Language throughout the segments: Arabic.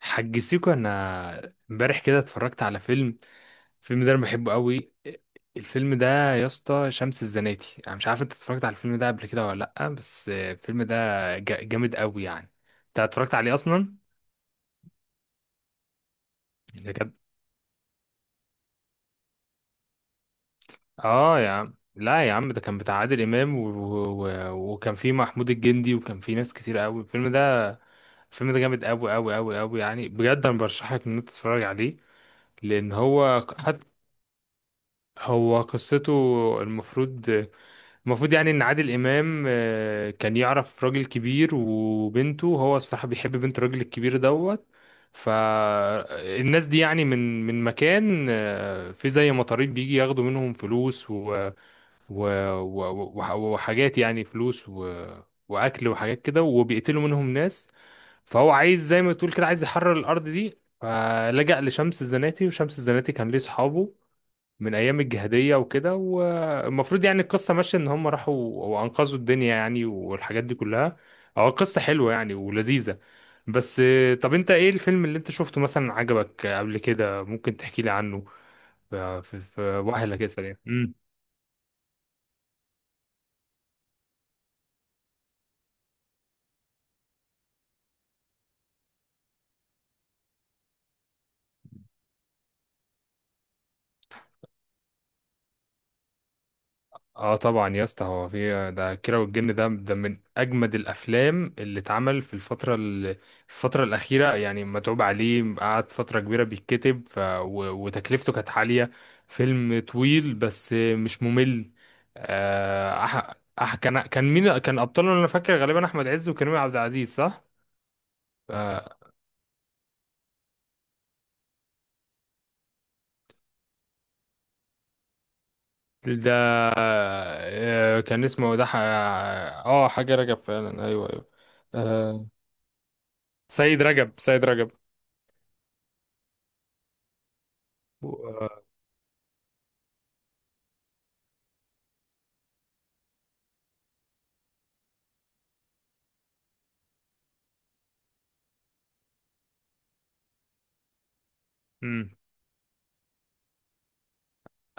حاج سيكو، انا امبارح كده اتفرجت على فيلم. الفيلم ده انا بحبه قوي. الفيلم ده، يا اسطى شمس الزناتي، انا مش عارف انت اتفرجت على الفيلم ده قبل كده ولا لا، بس الفيلم ده جامد قوي يعني. انت اتفرجت عليه اصلا؟ ده كان... اه يا عم، لا يا عم، ده كان بتاع عادل امام وكان فيه محمود الجندي، وكان فيه ناس كتير قوي. الفيلم ده جامد قوي قوي قوي قوي يعني، بجد انا برشحك ان انت تتفرج عليه، لان هو حتى... هو قصته المفروض المفروض يعني ان عادل امام، كان يعرف راجل كبير وبنته، هو الصراحه بيحب بنت الراجل الكبير دوت. فالناس دي يعني من مكان، في زي مطاريد بيجي ياخدوا منهم فلوس و وحاجات، يعني فلوس واكل وحاجات كده، وبيقتلوا منهم ناس. فهو عايز زي ما تقول كده عايز يحرر الارض دي، فلجأ لشمس الزناتي، وشمس الزناتي كان ليه صحابه من ايام الجهاديه وكده، والمفروض يعني القصه ماشيه ان هم راحوا وانقذوا الدنيا يعني، والحاجات دي كلها. هو قصه حلوه يعني ولذيذه. بس، طب انت ايه الفيلم اللي انت شفته مثلا عجبك قبل كده؟ ممكن تحكي لي عنه؟ في واحد كده سريع. اه طبعا يا اسطى، هو في ده كيرة والجن، ده ده من اجمد الافلام اللي اتعمل في الفتره الاخيره، يعني متعوب عليه، قعد فتره كبيره بيتكتب، وتكلفته كانت عاليه. فيلم طويل بس مش ممل. آه أح... كان مين كان ابطاله؟ انا فاكر غالبا احمد عز وكريم عبد العزيز، صح؟ آه. ده... آه، كان اسمه ده ح... اه حاجه رجب فعلا، ايوه ايوه. آه. سيد رجب، سيد رجب. مم.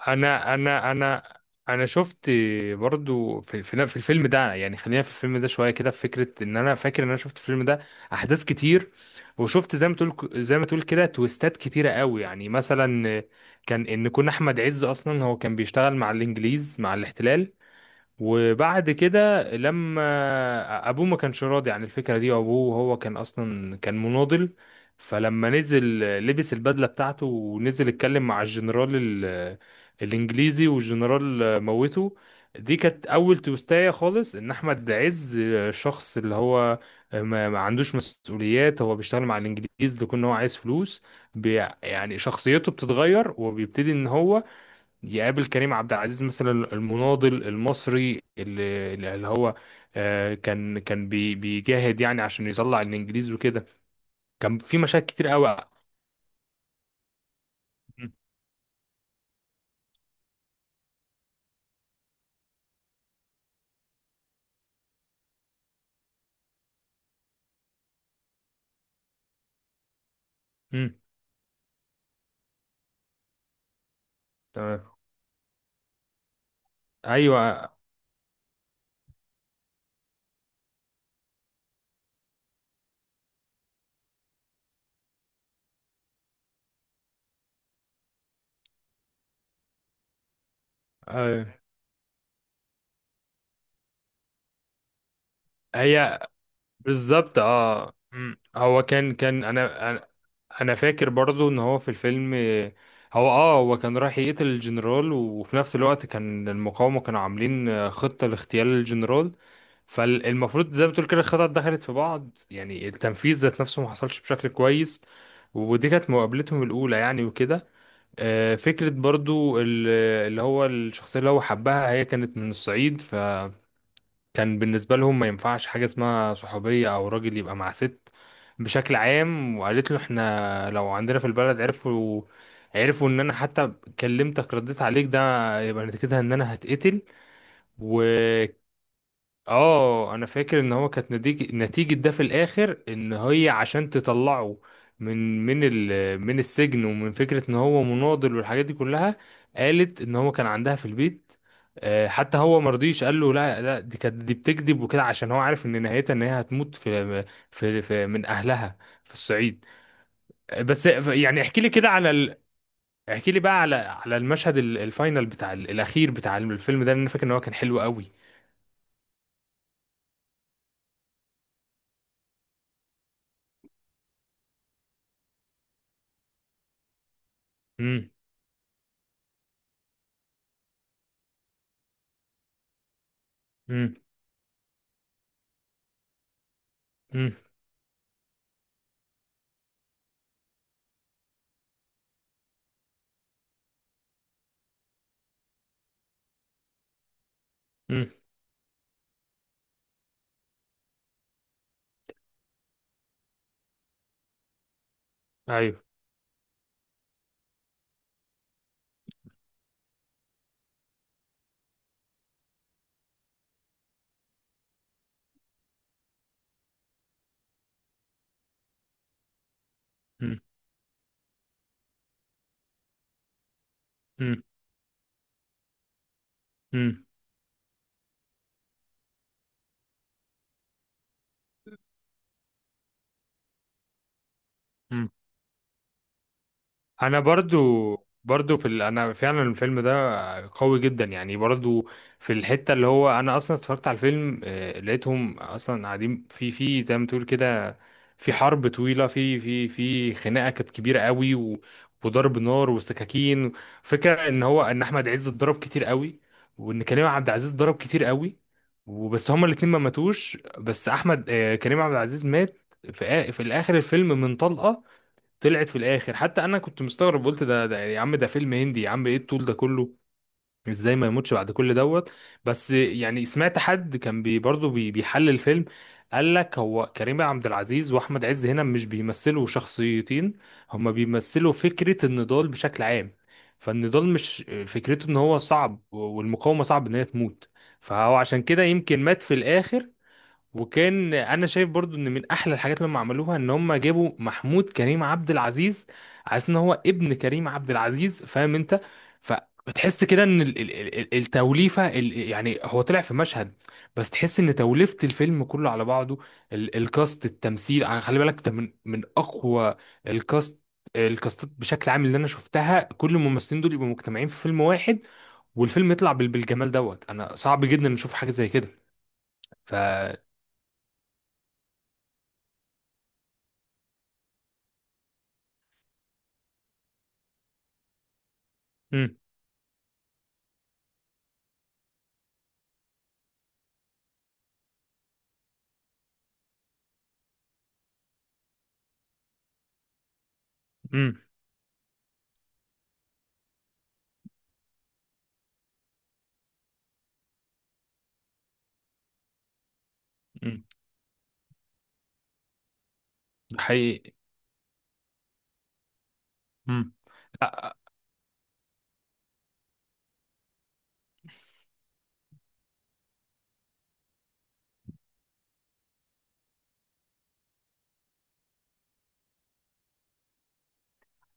انا انا انا انا شفت برضو في في الفيلم ده، يعني خلينا في الفيلم ده شويه كده. في فكره ان انا فاكر ان انا شفت الفيلم ده احداث كتير، وشفت زي ما تقول كده تويستات كتيره قوي. يعني مثلا كان ان كنا احمد عز اصلا هو كان بيشتغل مع الانجليز، مع الاحتلال، وبعد كده لما ابوه ما كانش راضي عن الفكره دي، وابوه هو كان اصلا كان مناضل، فلما نزل لبس البدله بتاعته ونزل اتكلم مع الانجليزي، والجنرال موته. دي كانت اول توستايه خالص، ان احمد عز شخص اللي هو ما عندوش مسؤوليات، هو بيشتغل مع الانجليز لكون هو عايز فلوس. بي يعني شخصيته بتتغير وبيبتدي ان هو يقابل كريم عبد العزيز مثلا، المناضل المصري، اللي هو، كان بيجاهد يعني عشان يطلع الانجليز وكده. كان في مشاهد كتير قوي. مم. مم. تمام. ايوه. آه، هي بالظبط. اه. مم. هو كان كان انا انا أنا فاكر برضو ان هو في الفيلم، هو هو كان رايح يقتل الجنرال، وفي نفس الوقت كان المقاومة كانوا عاملين خطة لاغتيال الجنرال. فالمفروض زي ما بتقول كده الخطط دخلت في بعض، يعني التنفيذ ذات نفسه ما حصلش بشكل كويس، ودي كانت مقابلتهم الأولى يعني وكده. فكرة برضو اللي هو الشخصية اللي هو حبها، هي كانت من الصعيد. ف كان بالنسبة لهم ما ينفعش حاجة اسمها صحوبية أو راجل يبقى مع ست بشكل عام، وقالت له احنا لو عندنا في البلد عرفوا ان انا حتى كلمتك رديت عليك ده، يبقى نتيجتها ان انا هتقتل. و... اه انا فاكر ان هو كانت نتيجة ده في الاخر ان هي عشان تطلعه من السجن، ومن فكرة ان هو مناضل والحاجات دي كلها، قالت ان هو كان عندها في البيت. حتى هو مرضيش، قال له لا لا، دي كانت دي بتكذب وكده، عشان هو عارف ان نهايتها ان هي هتموت في في من اهلها في الصعيد. بس يعني احكي لي كده احكي لي بقى على الفاينل بتاع الاخير بتاع الفيلم ده، لأن انا فاكر ان هو كان حلو قوي. امم. امم. امم. امم. ايوه. مم. مم. مم. مم. انا برضو برضو انا فعلا الفيلم ده قوي جدا يعني. برضو في الحتة اللي هو انا اصلا اتفرجت على الفيلم، لقيتهم اصلا قاعدين في في زي ما تقول كده في حرب طويلة، في في خناقة كانت كبيرة قوي، وضرب نار وسكاكين. فكرة ان هو ان احمد عز اتضرب كتير قوي، وان كريم عبد العزيز اتضرب كتير قوي، وبس هما الاتنين ما ماتوش. بس احمد، كريم عبد العزيز مات في الاخر الفيلم من طلقة طلعت في الاخر. حتى انا كنت مستغرب، قلت ده يا عم، ده فيلم هندي يا عم، ايه الطول ده كله؟ ازاي ما يموتش بعد كل دوت؟ بس يعني سمعت حد كان برضه بيحلل الفيلم، قال لك هو كريم عبد العزيز واحمد عز هنا مش بيمثلوا شخصيتين، هما بيمثلوا فكرة النضال بشكل عام، فالنضال مش فكرته ان هو صعب والمقاومة صعب ان هي تموت، فهو عشان كده يمكن مات في الاخر. وكان انا شايف برضو ان من احلى الحاجات اللي هم عملوها، ان هم جابوا محمود كريم عبد العزيز، عايز ان هو ابن كريم عبد العزيز، فاهم انت؟ فبتحس كده ان التوليفه يعني هو طلع في مشهد، بس تحس ان توليفه الفيلم كله على بعضه، الكاست، التمثيل يعني، خلي بالك ده من اقوى الكاست الكاستات بشكل عام اللي انا شفتها، كل الممثلين دول يبقوا مجتمعين في فيلم واحد، والفيلم يطلع بالجمال دوت، انا صعب جدا نشوف حاجه زي كده. ف... امم. مم. ده حقيقي. مم. لا.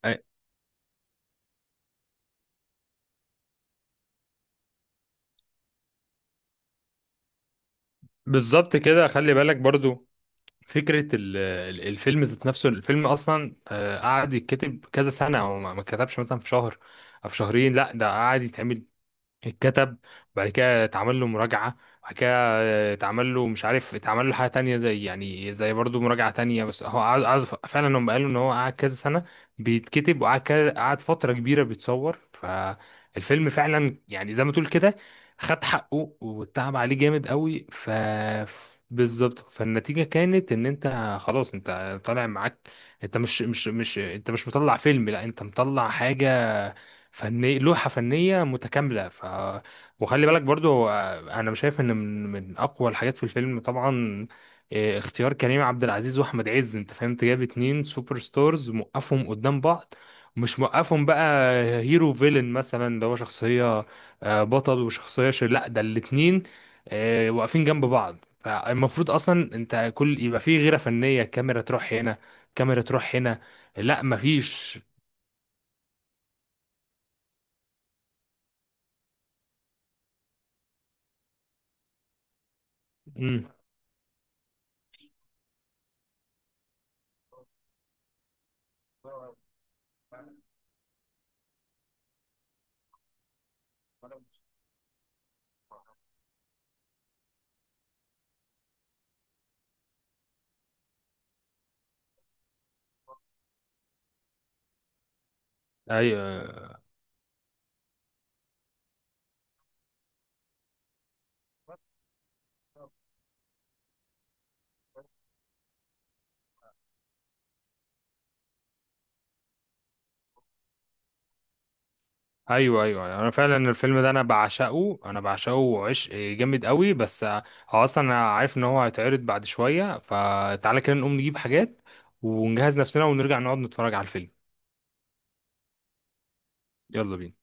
أي- بالظبط كده، خلي بالك برضو فكرة الفيلم ذات نفسه. الفيلم أصلا، قعد يتكتب كذا سنة، أو ما اتكتبش مثلا في شهر أو في شهرين، لا ده قعد يتعمل، اتكتب، بعد كده اتعمل له مراجعة، بعد كده اتعمل له مش عارف، اتعمل له حاجة تانية زي يعني زي برضو مراجعة تانية. بس هو قعد فعلا هم قالوا ان هو قعد كذا سنة بيتكتب، وقعد قعد فترة كبيرة بيتصور، فالفيلم فعلا يعني زي ما تقول كده خد حقه واتعب عليه جامد قوي. ف بالظبط، فالنتيجة كانت ان انت خلاص انت طالع معاك، انت مش مطلع فيلم، لا انت مطلع حاجة فني، لوحة فنية متكاملة. ف... وخلي بالك برضو، انا مش شايف ان من اقوى الحاجات في الفيلم طبعا، اختيار كريم عبد العزيز واحمد عز، انت فهمت، جاب اتنين سوبر ستارز موقفهم قدام بعض، مش موقفهم بقى هيرو فيلن مثلا، اللي هو شخصية بطل وشخصية شر، لا ده الاتنين واقفين جنب بعض، فالمفروض اصلا انت كل يبقى فيه غيرة فنية، كاميرا تروح هنا، كاميرا تروح هنا. لا مفيش. امم. ايوه ايوه ايوه أيوه. انا فعلا الفيلم ده انا بعشقه، انا بعشقه عشق جامد قوي. بس هو اصلا انا عارف ان هو هيتعرض بعد شويه، فتعالى كده نقوم نجيب حاجات ونجهز نفسنا ونرجع نقعد نتفرج على الفيلم. يلا بينا.